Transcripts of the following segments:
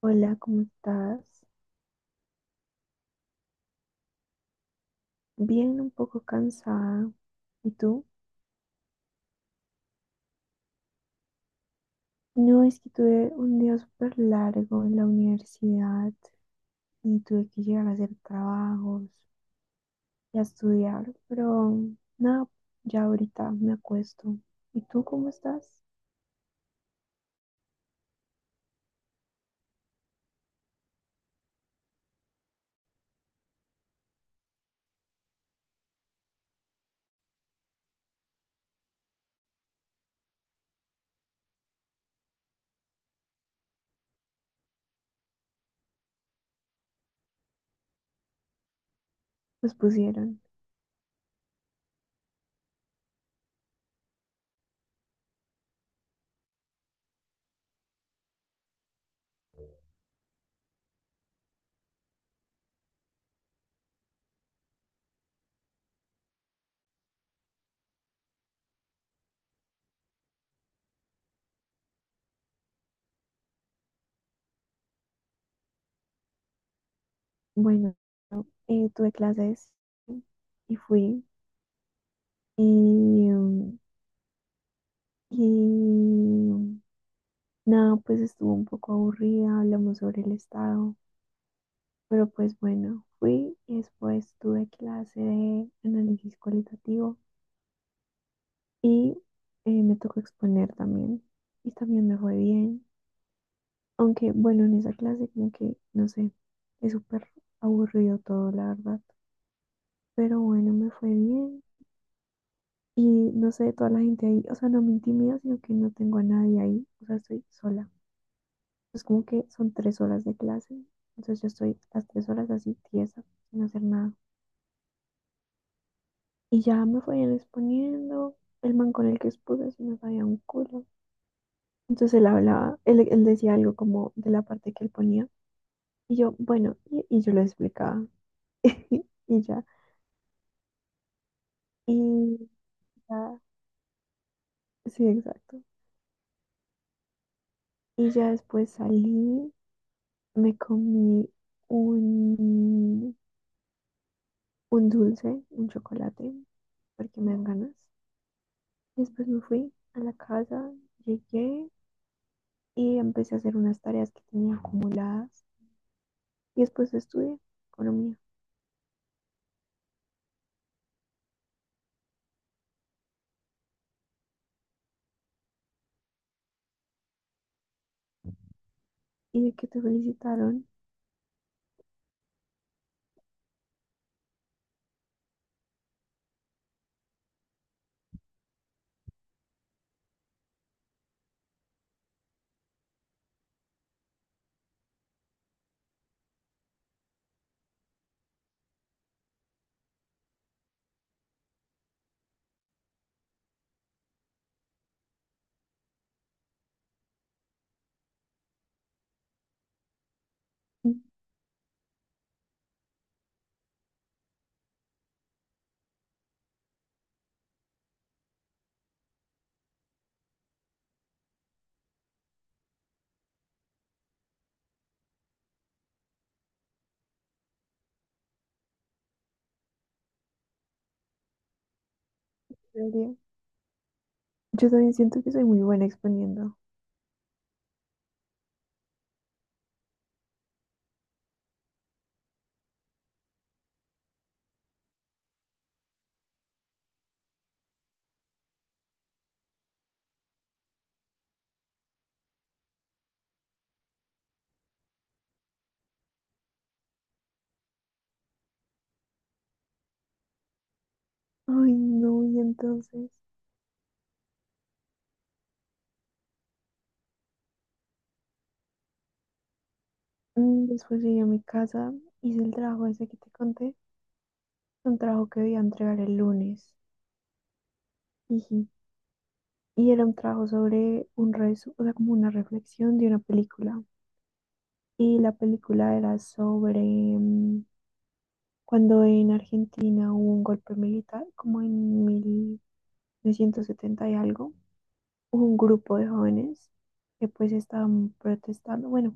Hola, ¿cómo estás? Bien, un poco cansada. ¿Y tú? No, es que tuve un día súper largo en la universidad y tuve que llegar a hacer trabajos y a estudiar, pero nada, ya ahorita me acuesto. ¿Y tú cómo estás? Pues pusieron. Bueno, tuve clases y fui y, mm, y nada, pues estuvo un poco aburrida, hablamos sobre el estado. Pero pues bueno, fui y después tuve clase de análisis cualitativo y me tocó exponer también. Y también me fue bien. Aunque bueno, en esa clase como que, no sé, es súper aburrido todo, la verdad. Pero bueno, me fue bien. Y no sé, toda la gente ahí, o sea, no me intimida, sino que no tengo a nadie ahí. O sea, estoy sola. Es como que son 3 horas de clase. Entonces yo estoy las 3 horas así tiesa, sin hacer nada. Y ya me fueron exponiendo. El man con el que expuse sí me sabía un culo. Entonces él hablaba, él decía algo como de la parte que él ponía. Y yo, bueno, y yo lo explicaba. Y ya. Y ya, sí, exacto. Y ya después salí, me comí un, un dulce, un chocolate, porque me dan ganas. Y después me fui a la casa, llegué y empecé a hacer unas tareas que tenía acumuladas. Y después estudié economía. Y de que te felicitaron. En serio, yo también siento que soy muy buena exponiendo. Ay, no, y entonces. Después llegué a mi casa, hice el trabajo ese que te conté. Un trabajo que debía entregar el lunes. Jiji. Y era un trabajo sobre o sea, como una reflexión de una película. Y la película era sobre cuando en Argentina hubo un golpe militar, como en 1970 y algo. Un grupo de jóvenes que pues estaban protestando. Bueno,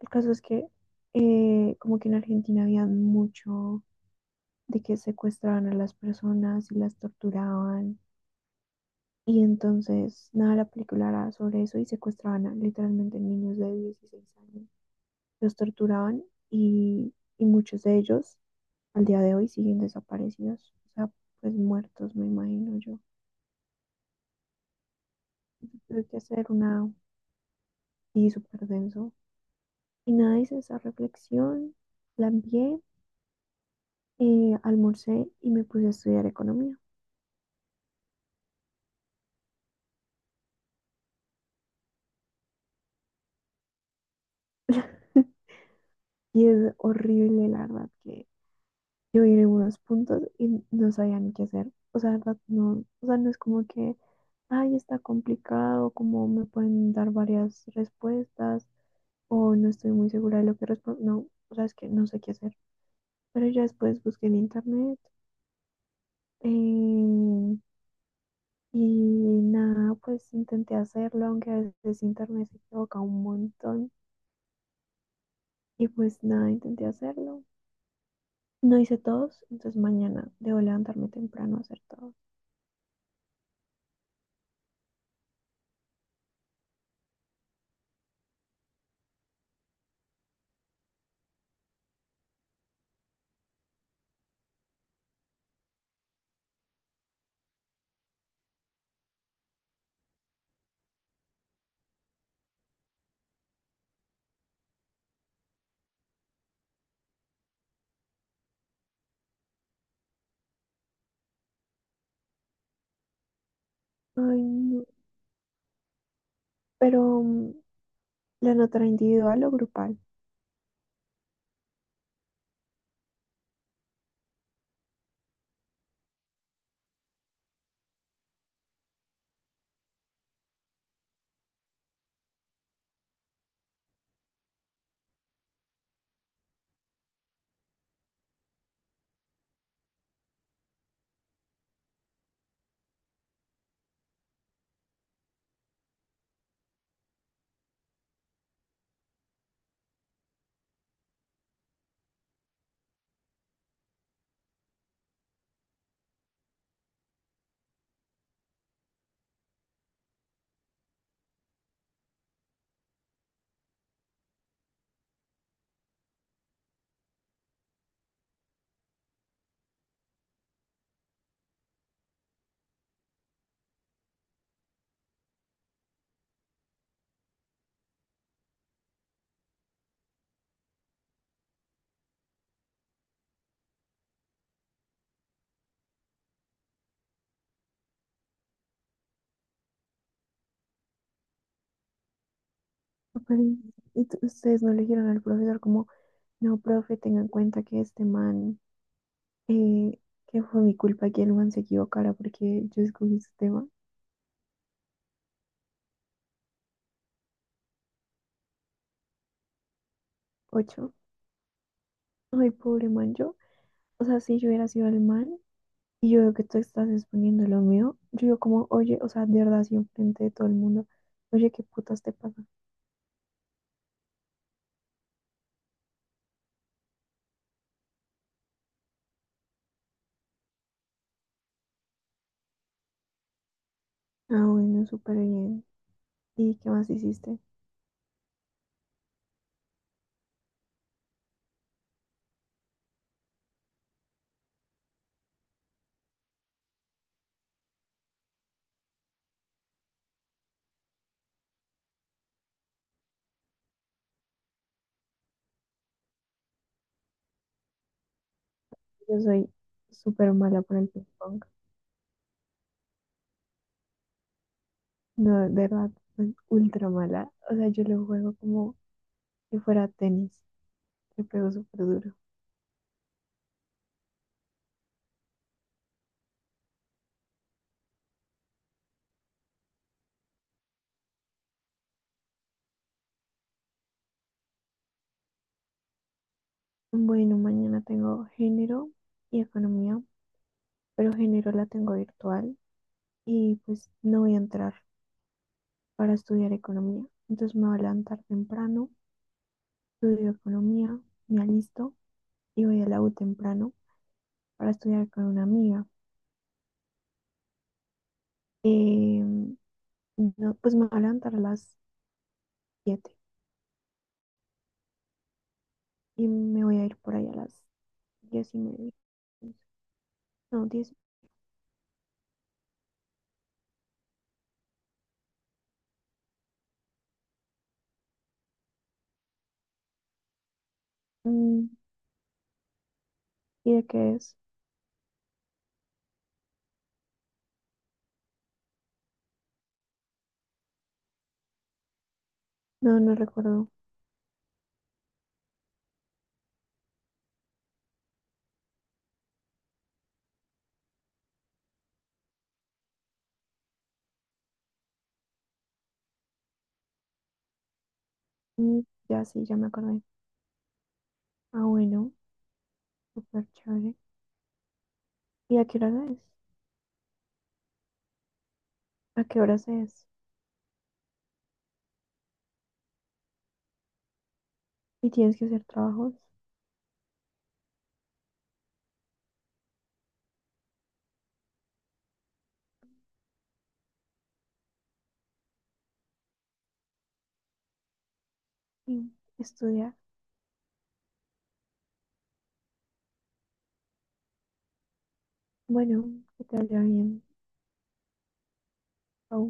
el caso es que como que en Argentina había mucho de que secuestraban a las personas y las torturaban. Y entonces, nada, la película era sobre eso y secuestraban a, literalmente niños de 16 años. Los torturaban y muchos de ellos al día de hoy siguen desaparecidos. O sea, pues muertos, me imagino yo. Tuve que hacer una. Y súper denso. Y nada, hice esa reflexión, la envié, almorcé y me puse a estudiar economía. Y es horrible, la verdad, que yo vi en algunos puntos y no sabía ni qué hacer. O sea, la verdad, no, o sea, no es como que, ay, está complicado, como me pueden dar varias respuestas o no estoy muy segura de lo que respondo. No, o sea, es que no sé qué hacer. Pero ya después busqué en internet. eh, Y nada, pues intenté hacerlo, aunque a veces internet se equivoca un montón. Y pues nada, intenté hacerlo. No hice todos, entonces mañana debo levantarme temprano a hacer todos. Ay, no. Pero la nota era individual o grupal. Ay. Y ustedes no le dijeron al profesor como, no, profe, tenga en cuenta que este man, eh, que fue mi culpa que el man se equivocara porque yo escogí su tema. Ocho. Ay, pobre man, yo. O sea, si yo hubiera sido el man. Y yo veo que tú estás exponiendo lo mío, yo digo como, oye, o sea, de verdad, así enfrente de todo el mundo, oye, ¿qué putas te pasa? Ah, bueno, súper bien. ¿Y qué más hiciste? Yo soy súper mala para el ping pong. No, de verdad, soy ultra mala. O sea, yo lo juego como si fuera tenis. Le pego súper duro. Bueno, mañana tengo género y economía, pero género la tengo virtual y pues no voy a entrar para estudiar economía. Entonces me voy a levantar temprano. Estudio economía, me alisto y voy a la U temprano para estudiar con una amiga. Eh, no, pues me voy a levantar a las 7:00 y me voy a ir por ahí a las 10:30. No, 10. mm, ¿Y de qué es? No, no recuerdo. Mm, ya sí, ya me acordé. Ah, bueno, súper chévere. ¿Y a qué hora es? ¿A qué horas es? ¿Y tienes que hacer trabajos? Sí, estudiar. Bueno, que te vaya bien. Chao.